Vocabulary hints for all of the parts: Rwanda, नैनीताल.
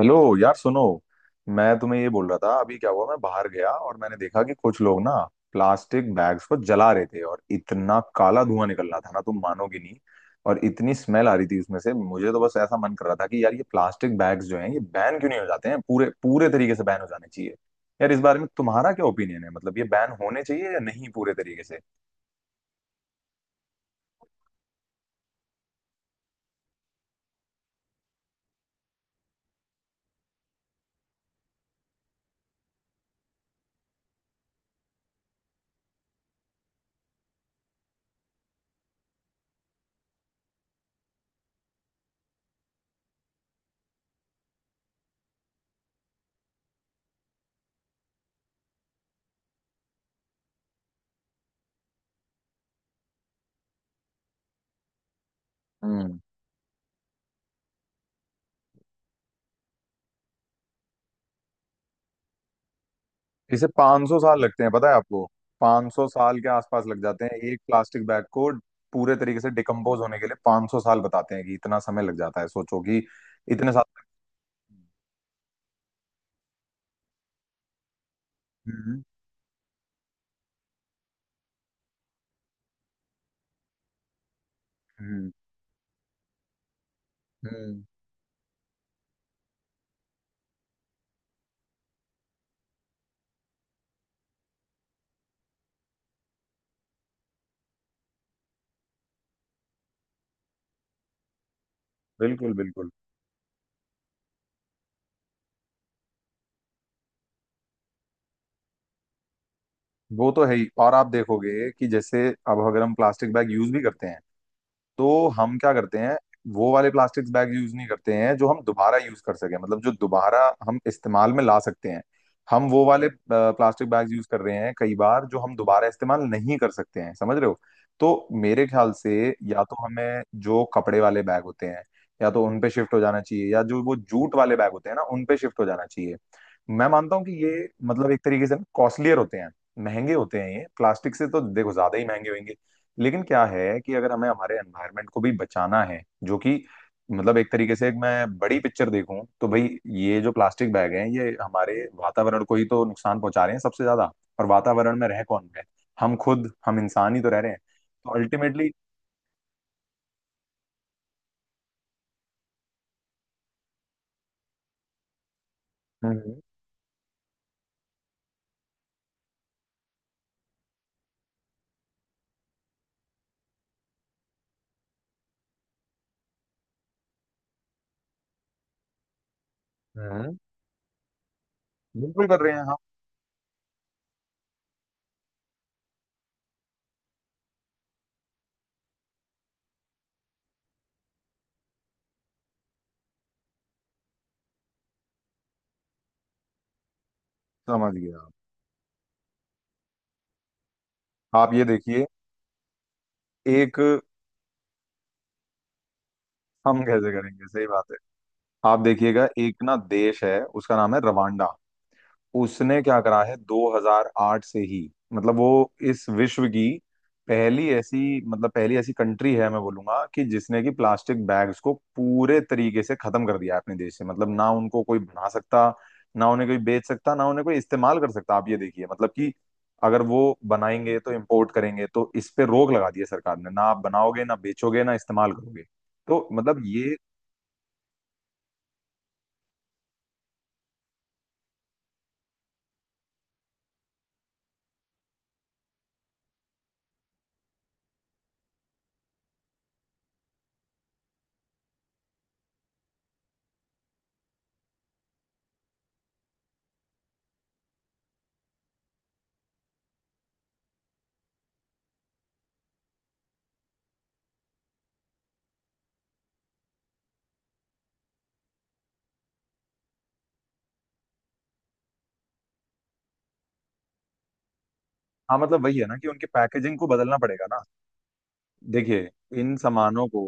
Hello यार सुनो। मैं तुम्हें ये बोल रहा था अभी क्या हुआ, मैं बाहर गया और मैंने देखा कि कुछ लोग ना प्लास्टिक बैग्स को जला रहे थे और इतना काला धुआं निकल रहा था ना, तुम मानोगे नहीं। और इतनी स्मेल आ रही थी उसमें से, मुझे तो बस ऐसा मन कर रहा था कि यार ये प्लास्टिक बैग्स जो हैं ये बैन क्यों नहीं हो जाते हैं, पूरे पूरे तरीके से बैन हो जाने चाहिए। यार, इस बारे में तुम्हारा क्या ओपिनियन है? मतलब ये बैन होने चाहिए या नहीं पूरे तरीके से? हम्म। इसे 500 साल लगते हैं, पता है आपको? 500 साल के आसपास लग जाते हैं एक प्लास्टिक बैग को पूरे तरीके से डिकम्पोज होने के लिए। 500 साल बताते हैं कि इतना समय लग जाता है। सोचो कि इतने साल। हम्म। हम्म हम्म, बिल्कुल बिल्कुल। वो तो है ही। और आप देखोगे कि जैसे अब अगर हम प्लास्टिक बैग यूज भी करते हैं तो हम क्या करते हैं, वो वाले प्लास्टिक बैग यूज नहीं करते हैं जो हम दोबारा यूज कर सके, मतलब जो दोबारा हम इस्तेमाल में ला सकते हैं। हम वो वाले प्लास्टिक बैग यूज कर रहे हैं कई बार जो हम दोबारा इस्तेमाल नहीं कर सकते हैं, समझ रहे हो? तो मेरे ख्याल से या तो हमें जो कपड़े वाले बैग होते हैं, या तो उन पे शिफ्ट हो जाना चाहिए, या जो वो जूट वाले बैग होते हैं ना उन पे शिफ्ट हो जाना चाहिए। मैं मानता हूँ कि ये मतलब एक तरीके से कॉस्टलियर होते हैं, महंगे होते हैं, ये प्लास्टिक से तो देखो ज्यादा ही महंगे होंगे। लेकिन क्या है कि अगर हमें हमारे एनवायरनमेंट को भी बचाना है, जो कि मतलब एक तरीके से, एक मैं बड़ी पिक्चर देखूं तो भाई ये जो प्लास्टिक बैग हैं ये हमारे वातावरण को ही तो नुकसान पहुंचा रहे हैं सबसे ज्यादा। और वातावरण में रह कौन रहे? हम खुद, हम इंसान ही तो रह रहे हैं, तो अल्टीमेटली। हम्म। हम्म। बिल्कुल कर रहे हैं हम। समझ गया। आप ये देखिए, एक, हम कैसे करेंगे? सही बात है। आप देखिएगा, एक ना देश है, उसका नाम है रवांडा। उसने क्या करा है, 2008 से ही मतलब वो इस विश्व की पहली ऐसी, मतलब पहली ऐसी कंट्री है, मैं बोलूंगा कि जिसने कि प्लास्टिक बैग्स को पूरे तरीके से खत्म कर दिया है अपने देश से। मतलब ना उनको कोई बना सकता, ना उन्हें कोई बेच सकता, ना उन्हें कोई इस्तेमाल कर सकता। आप ये देखिए, मतलब कि अगर वो बनाएंगे तो इम्पोर्ट करेंगे, तो इस पे रोक लगा दी है सरकार ने। ना आप बनाओगे, ना बेचोगे, ना इस्तेमाल करोगे। तो मतलब ये, हाँ मतलब वही है ना कि उनके पैकेजिंग को बदलना पड़ेगा ना। देखिए, इन सामानों को,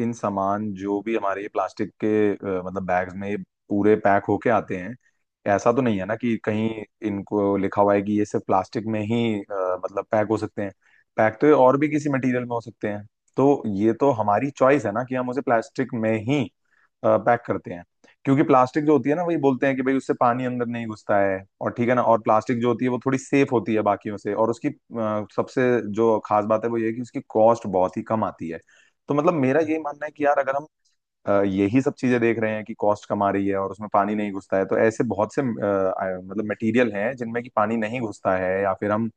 इन सामान जो भी हमारे ये प्लास्टिक के मतलब बैग्स में ये पूरे पैक होके आते हैं, ऐसा तो नहीं है ना कि कहीं इनको लिखा हुआ है कि ये सिर्फ प्लास्टिक में ही मतलब पैक हो सकते हैं। पैक तो ये और भी किसी मटेरियल में हो सकते हैं। तो ये तो हमारी चॉइस है ना कि हम उसे प्लास्टिक में ही पैक करते हैं। क्योंकि प्लास्टिक जो होती है ना, वही बोलते हैं कि भाई उससे पानी अंदर नहीं घुसता है और ठीक है ना, और प्लास्टिक जो होती है वो थोड़ी सेफ होती है बाकियों से, और उसकी सबसे जो खास बात है वो ये है कि उसकी कॉस्ट बहुत ही कम आती है। तो मतलब मेरा ये मानना है कि यार अगर हम यही सब चीजें देख रहे हैं कि कॉस्ट कम आ रही है और उसमें पानी नहीं घुसता है, तो ऐसे बहुत से मतलब मटेरियल हैं जिनमें कि पानी नहीं घुसता है, या फिर हम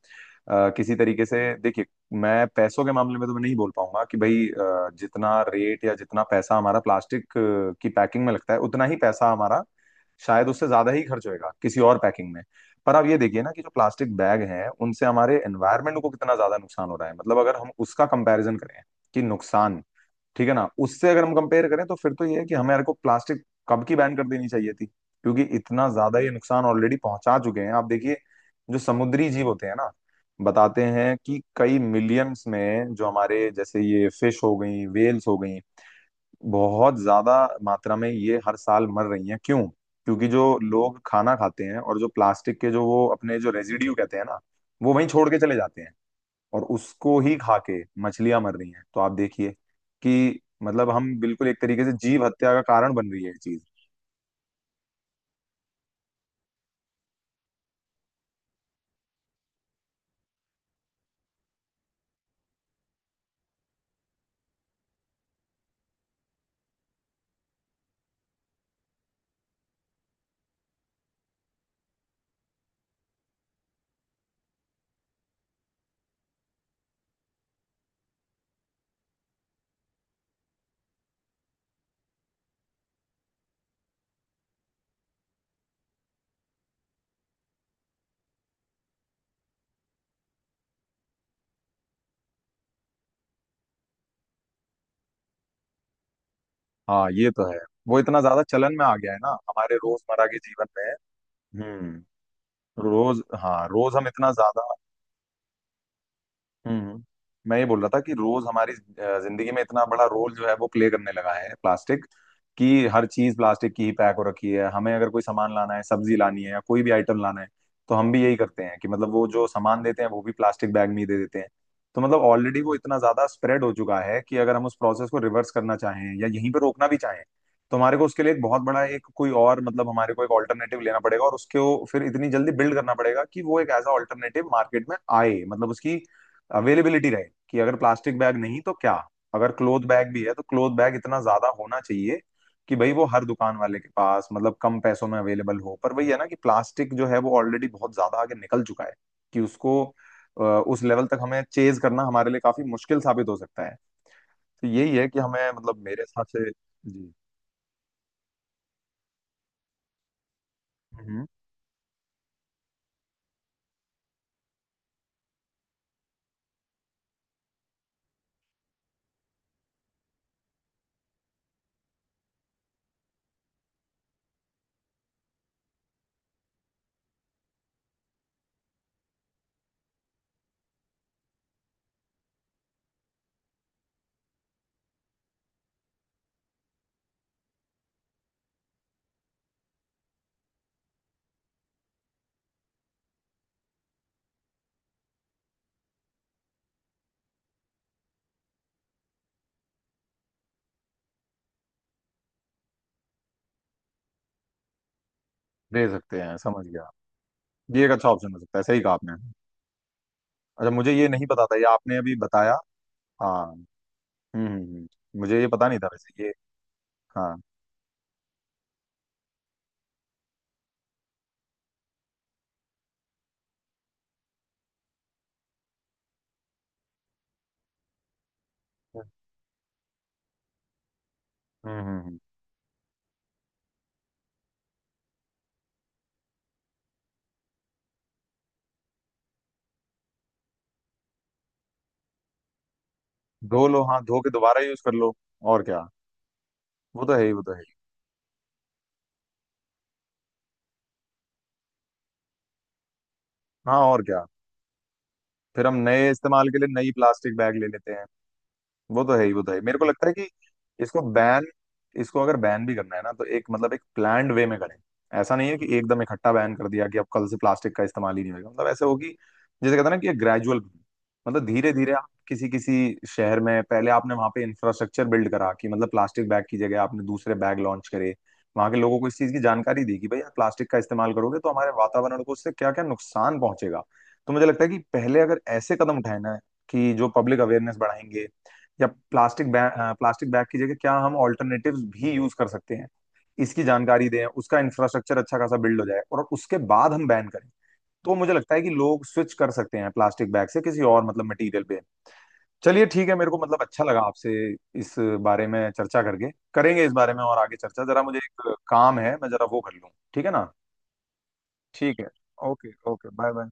किसी तरीके से, देखिए, मैं पैसों के मामले में तो मैं नहीं बोल पाऊंगा कि भाई जितना रेट या जितना पैसा हमारा प्लास्टिक की पैकिंग में लगता है उतना ही पैसा हमारा, शायद उससे ज्यादा ही खर्च होएगा किसी और पैकिंग में। पर आप ये देखिए ना कि जो प्लास्टिक बैग हैं उनसे हमारे एनवायरनमेंट को कितना ज्यादा नुकसान हो रहा है, मतलब अगर हम उसका कंपैरिजन करें कि नुकसान, ठीक है ना, उससे अगर हम कंपेयर करें तो फिर तो ये है कि हमें को प्लास्टिक कब की बैन कर देनी चाहिए थी, क्योंकि इतना ज्यादा ये नुकसान ऑलरेडी पहुंचा चुके हैं। आप देखिए जो समुद्री जीव होते हैं ना, बताते हैं कि कई मिलियंस में, जो हमारे जैसे ये फिश हो गई, वेल्स हो गई, बहुत ज्यादा मात्रा में ये हर साल मर रही हैं। क्यों? क्योंकि जो लोग खाना खाते हैं और जो प्लास्टिक के जो वो अपने जो रेजिड्यू कहते हैं ना, वो वहीं छोड़ के चले जाते हैं, और उसको ही खा के मछलियां मर रही हैं। तो आप देखिए कि मतलब हम बिल्कुल एक तरीके से जीव हत्या का कारण बन रही है ये चीज। हाँ ये तो है। वो इतना ज्यादा चलन में आ गया है ना हमारे रोजमर्रा के जीवन में। हम्म। रोज, हाँ रोज हम इतना ज्यादा। हम्म। मैं ये बोल रहा था कि रोज हमारी जिंदगी में इतना बड़ा रोल जो है वो प्ले करने लगा है प्लास्टिक, कि हर चीज प्लास्टिक की ही पैक हो रखी है। हमें अगर कोई सामान लाना है, सब्जी लानी है या कोई भी आइटम लाना है, तो हम भी यही करते हैं कि मतलब वो जो सामान देते हैं वो भी प्लास्टिक बैग में ही दे देते हैं। तो मतलब ऑलरेडी वो इतना ज्यादा स्प्रेड हो चुका है कि अगर हम उस प्रोसेस को रिवर्स करना चाहें या यहीं पर रोकना भी चाहें, तो हमारे को उसके लिए एक बहुत बड़ा एक कोई और मतलब हमारे को एक ऑल्टरनेटिव लेना पड़ेगा, और उसको फिर इतनी जल्दी बिल्ड करना पड़ेगा कि वो एक एज अ ऑल्टरनेटिव मार्केट में आए, मतलब उसकी अवेलेबिलिटी रहे कि अगर प्लास्टिक बैग नहीं तो क्या। अगर क्लोथ बैग भी है, तो क्लोथ बैग इतना ज्यादा होना चाहिए कि भाई वो हर दुकान वाले के पास मतलब कम पैसों में अवेलेबल हो। पर वही है ना कि प्लास्टिक जो है वो ऑलरेडी बहुत ज्यादा आगे निकल चुका है, कि उसको उस लेवल तक हमें चेज करना हमारे लिए काफी मुश्किल साबित हो सकता है। तो यही है कि हमें मतलब मेरे हिसाब से जी। हम्म। दे सकते हैं, समझ गया। ये एक अच्छा ऑप्शन हो सकता है, सही कहा आपने। अच्छा मुझे ये नहीं पता था, ये आपने अभी बताया। हाँ। मुझे ये पता नहीं था वैसे ये। हाँ। हम्म हम्म, हम्म। धो लो, हाँ धो के दोबारा यूज कर लो और क्या। वो तो है ही, वो तो है ही। हाँ और क्या। फिर हम नए इस्तेमाल के लिए नई प्लास्टिक बैग ले लेते हैं। वो तो है ही, वो तो है ही। मेरे को लगता है कि इसको बैन, इसको अगर बैन भी करना है ना, तो एक मतलब एक प्लान्ड वे में करें। ऐसा नहीं है कि एकदम इकट्ठा बैन कर दिया कि अब कल से प्लास्टिक का इस्तेमाल ही नहीं होगा, मतलब ऐसे होगी, जैसे कहते हैं ना कि ग्रेजुअल, मतलब धीरे धीरे आप किसी किसी शहर में पहले आपने वहां पे इंफ्रास्ट्रक्चर बिल्ड करा कि मतलब प्लास्टिक बैग की जगह आपने दूसरे बैग लॉन्च करे, वहां के लोगों को इस चीज की जानकारी दी कि भाई आप प्लास्टिक का इस्तेमाल करोगे तो हमारे वातावरण को उससे क्या क्या नुकसान पहुंचेगा। तो मुझे लगता है कि पहले अगर ऐसे कदम उठाए ना कि जो पब्लिक अवेयरनेस बढ़ाएंगे, या प्लास्टिक बैग की जगह क्या हम ऑल्टरनेटिव्स भी यूज कर सकते हैं, इसकी जानकारी दें, उसका इंफ्रास्ट्रक्चर अच्छा खासा बिल्ड हो जाए, और उसके बाद हम बैन करें। तो मुझे लगता है कि लोग स्विच कर सकते हैं प्लास्टिक बैग से किसी और मतलब मटेरियल पे। चलिए ठीक है, मेरे को मतलब अच्छा लगा आपसे इस बारे में चर्चा करके। करेंगे इस बारे में और आगे चर्चा। जरा मुझे एक काम है, मैं जरा वो कर लूँ, ठीक है ना। ठीक है। Okay okay bye bye.